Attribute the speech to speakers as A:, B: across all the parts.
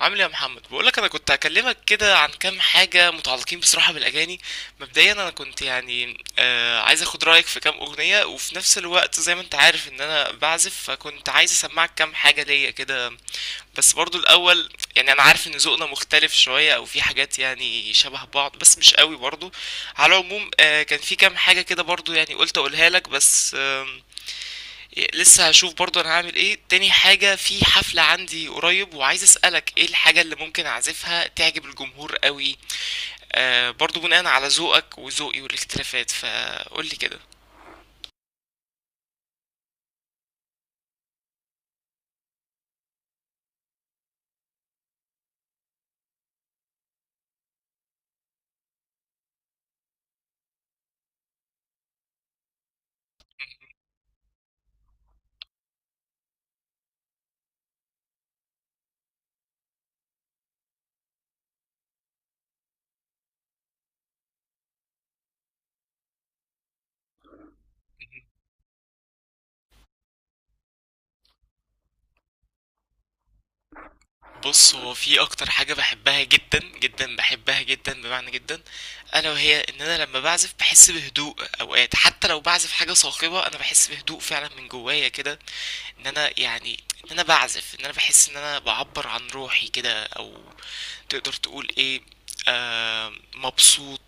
A: عامل ايه يا محمد؟ بقولك انا كنت هكلمك كده عن كام حاجه متعلقين بصراحه بالاغاني. مبدئيا انا كنت يعني عايز اخد رايك في كام اغنيه، وفي نفس الوقت زي ما انت عارف ان انا بعزف، فكنت عايز اسمعك كام حاجه ليا كده. بس برضو الاول، يعني انا عارف ان ذوقنا مختلف شويه او في حاجات يعني شبه بعض بس مش قوي برضو. على العموم كان في كام حاجه كده برضو، يعني قلت اقولها لك بس. لسه هشوف برضه انا هعمل ايه. تاني حاجة، في حفلة عندي قريب وعايز اسألك ايه الحاجة اللي ممكن اعزفها تعجب الجمهور قوي، برضه بناء على ذوقك وذوقي والاختلافات، فقولي كده. بص، هو في اكتر حاجة بحبها جدا جدا، بحبها جدا بمعنى جدا، الا وهي ان انا لما بعزف بحس بهدوء. اوقات حتى لو بعزف حاجة صاخبة انا بحس بهدوء فعلا من جوايا كده. ان انا يعني ان انا بعزف، ان انا بحس ان انا بعبر عن روحي كده، او تقدر تقول ايه، مبسوط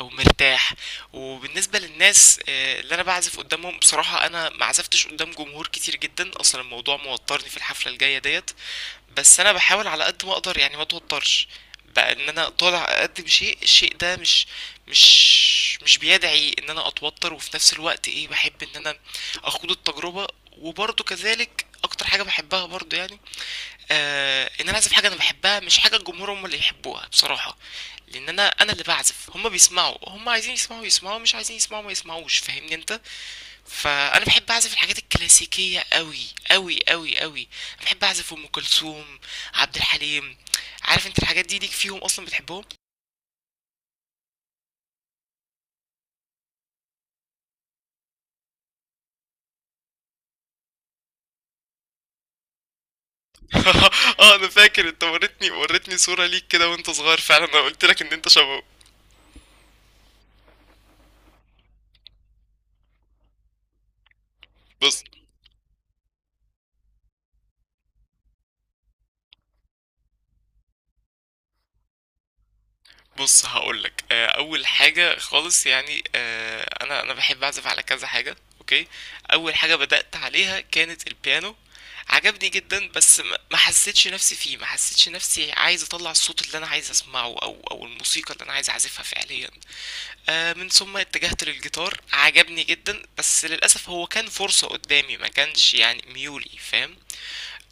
A: او مرتاح. وبالنسبه للناس اللي انا بعزف قدامهم، بصراحه انا ما عزفتش قدام جمهور كتير جدا اصلا، الموضوع موترني في الحفله الجايه ديت. بس انا بحاول على قد ما اقدر يعني ما اتوترش. بقى ان انا طالع اقدم شيء، الشيء ده مش بيدعي ان انا اتوتر، وفي نفس الوقت ايه، بحب ان انا اخوض التجربة. وبرضه كذلك اكتر حاجة بحبها برضه، يعني ان انا اعزف حاجة انا بحبها مش حاجة الجمهور هم اللي يحبوها، بصراحة. لان انا اللي بعزف، هم بيسمعوا، هم عايزين يسمعوا يسمعوا، مش عايزين يسمعوا ما يسمعوش، فاهمني انت؟ فانا بحب اعزف الحاجات الكلاسيكيه قوي قوي قوي قوي. بحب اعزف ام كلثوم، عبد الحليم. عارف انت الحاجات دي ليك فيهم اصلا، بتحبهم؟ اه، انا فاكر انت وريتني صوره ليك كده وانت صغير، فعلا انا قلت لك ان انت شبهه. بس بص هقولك، اول حاجه خالص يعني، انا بحب اعزف على كذا حاجه، اوكي؟ اول حاجه بدات عليها كانت البيانو. عجبني جدا بس ما حسيتش نفسي فيه، ما حسيتش نفسي عايز اطلع الصوت اللي انا عايز اسمعه او الموسيقى اللي انا عايز اعزفها فعليا. من ثم اتجهت للجيتار، عجبني جدا بس للاسف هو كان فرصه قدامي، ما كانش يعني ميولي، فاهم؟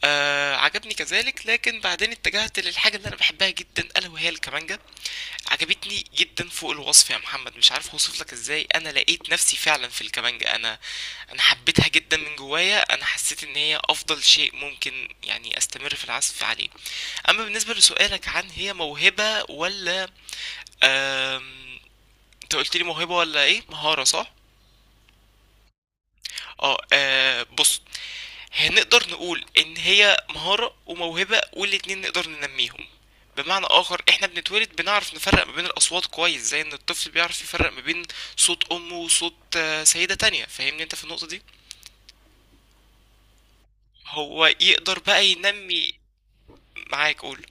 A: عجبني كذلك، لكن بعدين اتجهت للحاجة اللي أنا بحبها جدا، ألا وهي الكمانجة. عجبتني جدا فوق الوصف يا محمد، مش عارف اوصف لك ازاي. انا لقيت نفسي فعلا في الكمانجة، انا حبيتها جدا من جوايا، انا حسيت ان هي افضل شيء ممكن يعني استمر في العزف عليه. اما بالنسبة لسؤالك عن هي موهبة ولا آم، انت قلت لي موهبة ولا ايه، مهارة، صح؟ اه، بص، هنقدر نقول ان هي مهارة وموهبة، والاتنين نقدر ننميهم. بمعنى اخر، احنا بنتولد بنعرف نفرق ما بين الاصوات كويس، زي ان الطفل بيعرف يفرق ما بين صوت امه وصوت سيدة تانية، فاهمني انت في النقطة دي؟ هو يقدر بقى ينمي. معاك، قول.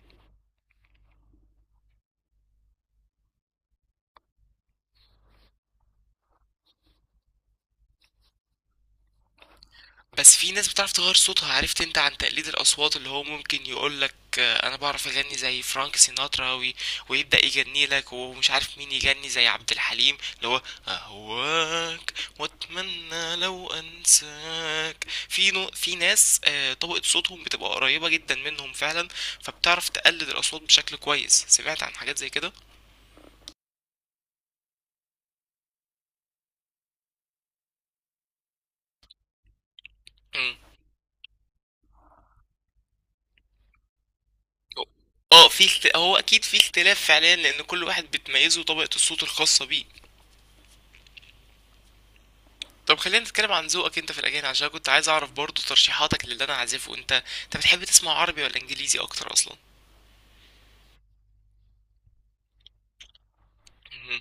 A: بس في ناس بتعرف تغير صوتها. عرفت انت عن تقليد الاصوات، اللي هو ممكن يقولك انا بعرف اغني زي فرانك سيناترا، ويبدا يغني لك، ومش عارف مين يغني زي عبد الحليم، اللي هو اهواك واتمنى لو انساك. في ناس طبقة صوتهم بتبقى قريبة جدا منهم فعلا، فبتعرف تقلد الاصوات بشكل كويس. سمعت عن حاجات زي كده؟ مم. اه، في هو اكيد في اختلاف فعليا، لان كل واحد بتميزه طبقة الصوت الخاصة بيه. طب خلينا نتكلم عن ذوقك انت في الاغاني، عشان كنت عايز اعرف برضو ترشيحاتك للي انا عازفه. انت انت بتحب تسمع عربي ولا انجليزي اكتر اصلا؟ مهم.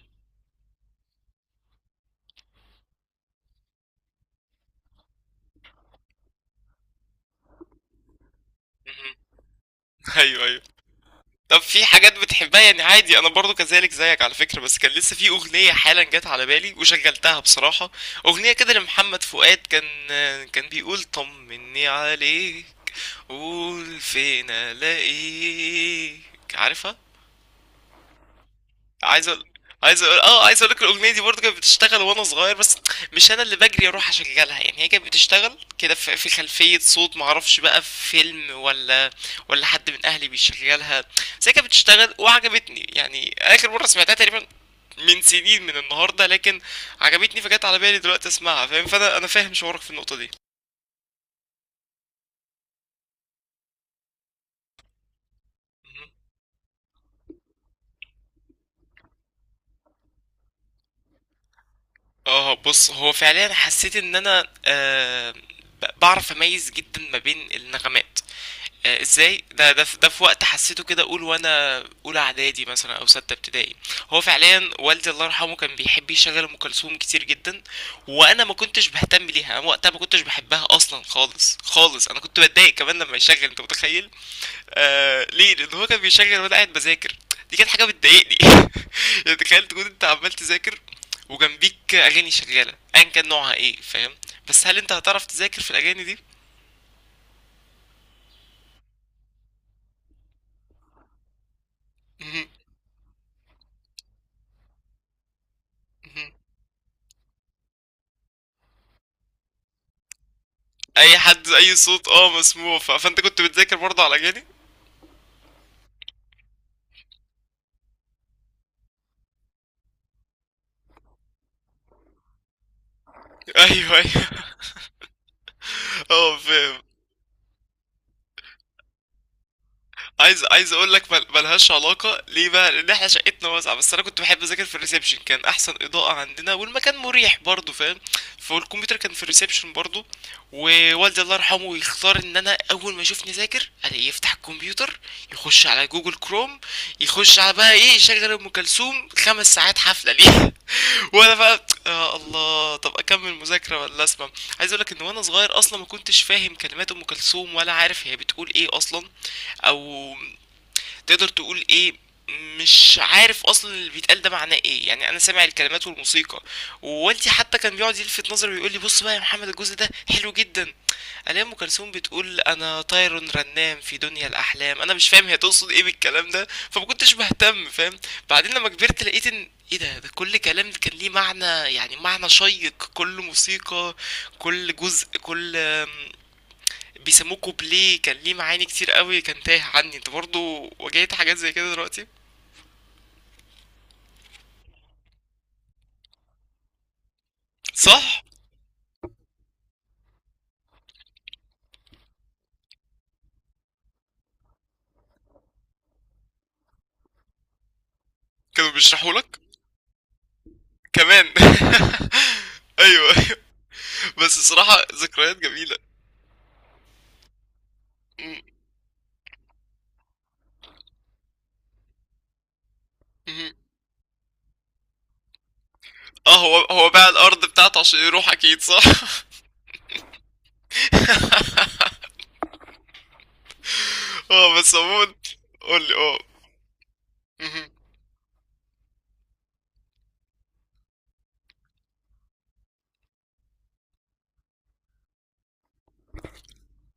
A: مهم. ايوه، ايوه. طب في حاجات بتحبها يعني، عادي، انا برضو كذلك زيك على فكرة. بس كان لسه في اغنية حالا جت على بالي وشغلتها بصراحة، اغنية كده لمحمد فؤاد، كان كان بيقول طمني عليك، قول فين الاقيك، عارفها؟ عايز اقول، عايز اقول، اه، عايز اقول لك الاغنيه دي برضه كانت بتشتغل وانا صغير، بس مش انا اللي بجري اروح اشغلها يعني، هي كانت بتشتغل كده في في خلفيه صوت، معرفش بقى في فيلم ولا ولا حد من اهلي بيشغلها. بس هي كانت بتشتغل وعجبتني. يعني اخر مره سمعتها تقريبا من سنين من النهارده، لكن عجبتني فجت على بالي دلوقتي اسمعها، فاهم؟ فانا انا فاهم شعورك في النقطه دي. مهم. اه بص، هو فعليا حسيت ان انا آه بعرف اميز جدا ما بين النغمات، ازاي ده، ده في ده، في وقت حسيته كده، اقول وانا اولى اعدادي مثلا او سته ابتدائي. هو فعليا والدي الله يرحمه كان بيحب يشغل ام كلثوم كتير جدا، وانا ما كنتش بهتم ليها، انا وقتها ما كنتش بحبها اصلا خالص خالص. انا كنت بتضايق كمان لما يشغل، انت متخيل؟ ليه؟ لان هو كان بيشغل وانا قاعد بذاكر، دي كانت حاجه بتضايقني يعني تخيل تكون انت عمال تذاكر وجنبيك اغاني شغاله، ايا كان نوعها ايه، فاهم؟ بس هل انت هتعرف تذاكر في الاغاني دي؟ اي حد، اي صوت، اه، مسموع. فانت كنت بتذاكر برضه على اغاني؟ ايوه، ايوه. اه، فاهم. عايز عايز اقول لك، ملهاش علاقه. ليه بقى؟ لان احنا شقتنا واسعه، بس انا كنت بحب اذاكر في الريسبشن، كان احسن اضاءه عندنا والمكان مريح برضه، فاهم؟ فالكمبيوتر كان في الريسبشن برضه. ووالدي الله يرحمه يختار ان انا اول ما يشوفني ذاكر، الاقيه يفتح الكمبيوتر، يخش على جوجل كروم، يخش على بقى ايه، يشغل ام كلثوم خمس ساعات حفله. ليه وانا بقى يا الله، طب اكمل مذاكره ولا اسمع؟ عايز اقولك ان وانا صغير اصلا ما كنتش فاهم كلمات ام كلثوم، ولا عارف هي بتقول ايه اصلا، او تقدر تقول ايه، مش عارف اصلا اللي بيتقال ده معناه ايه، يعني انا سامع الكلمات والموسيقى. ووالدي حتى كان بيقعد يلفت نظري ويقول لي: بص بقى يا محمد الجزء ده حلو جدا. الاقي ام كلثوم بتقول: انا طير رنام في دنيا الاحلام. انا مش فاهم هي تقصد ايه بالكلام ده، فما كنتش بهتم، فاهم؟ بعدين لما كبرت لقيت ان ايه ده، ده كل كلام كان ليه معنى، يعني معنى شيق، كل موسيقى، كل جزء، كل بيسموه كوبليه كان ليه معاني كتير قوي كان تايه عني. انت برضو واجهت حاجات زي كده؟ دلوقتي. صح. كانوا بيشرحوا لك؟ كمان ايوه، ايوه. بس الصراحة ذكريات جميلة. م- م. اه، هو هو باع الارض بتاعته عشان يروح، اكيد، صح؟ اه. بس عموما. قول لي، اه. مهم.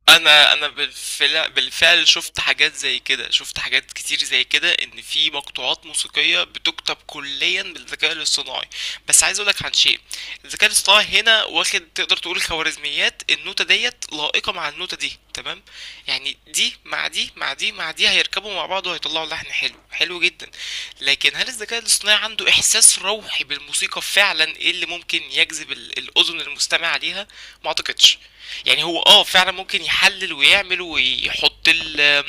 A: انا انا بالفعل بالفعل شفت حاجات زي كده، شفت حاجات كتير زي كده، ان في مقطوعات موسيقيه بتكتب كليا بالذكاء الاصطناعي. بس عايز اقولك عن شيء: الذكاء الاصطناعي هنا واخد، تقدر تقول، خوارزميات، النوتة ديت لائقه مع النوتة دي تمام، يعني دي مع دي مع دي مع دي هيركبوا مع بعض وهيطلعوا لحن حلو، حلو جدا. لكن هل الذكاء الاصطناعي عنده احساس روحي بالموسيقى فعلا، ايه اللي ممكن يجذب الاذن المستمعه ليها؟ ما اعتقدش. يعني هو اه فعلا ممكن يحلل ويعمل ويحط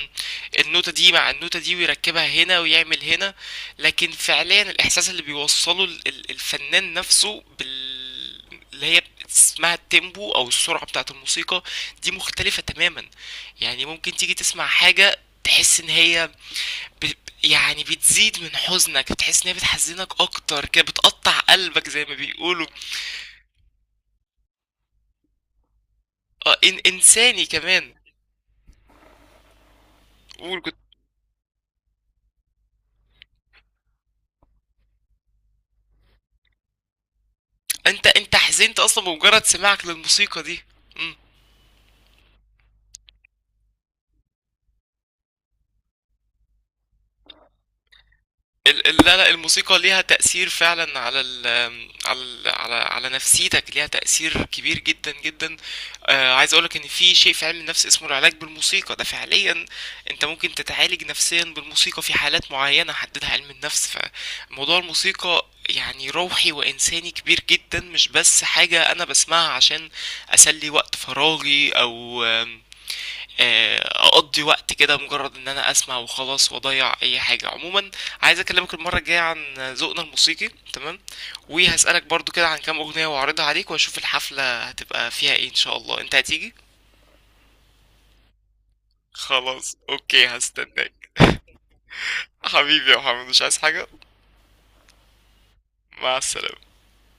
A: النوتة دي مع النوتة دي ويركبها هنا ويعمل هنا. لكن فعليا الإحساس اللي بيوصله الفنان نفسه بال، اللي هي اسمها التيمبو أو السرعة بتاعة الموسيقى، دي مختلفة تماما. يعني ممكن تيجي تسمع حاجة تحس إن هي ب... يعني بتزيد من حزنك، بتحس إن هي بتحزنك أكتر كده، بتقطع قلبك زي ما بيقولوا. اه، إنساني كمان. قول، كنت. انت انت حزنت اصلا بمجرد سماعك للموسيقى دي؟ مم. ال ال لا لا، الموسيقى ليها تأثير فعلا على ال على ال على على نفسيتك، ليها تأثير كبير جدا جدا. عايز اقولك ان في شيء في علم النفس اسمه العلاج بالموسيقى، ده فعليا انت ممكن تتعالج نفسيا بالموسيقى في حالات معينة حددها علم النفس. فموضوع الموسيقى يعني روحي وإنساني كبير جدا، مش بس حاجة أنا بسمعها عشان أسلي وقت فراغي أو آم، آه، اقضي وقت كده، مجرد ان انا اسمع وخلاص واضيع اي حاجه. عموما عايز اكلمك المره الجايه عن ذوقنا الموسيقي، تمام؟ وهسالك برضو كده عن كام اغنيه واعرضها عليك، واشوف الحفله هتبقى فيها ايه ان شاء الله. انت هتيجي؟ خلاص، اوكي، هستناك. حبيبي يا محمد، مش عايز حاجه. مع السلامه.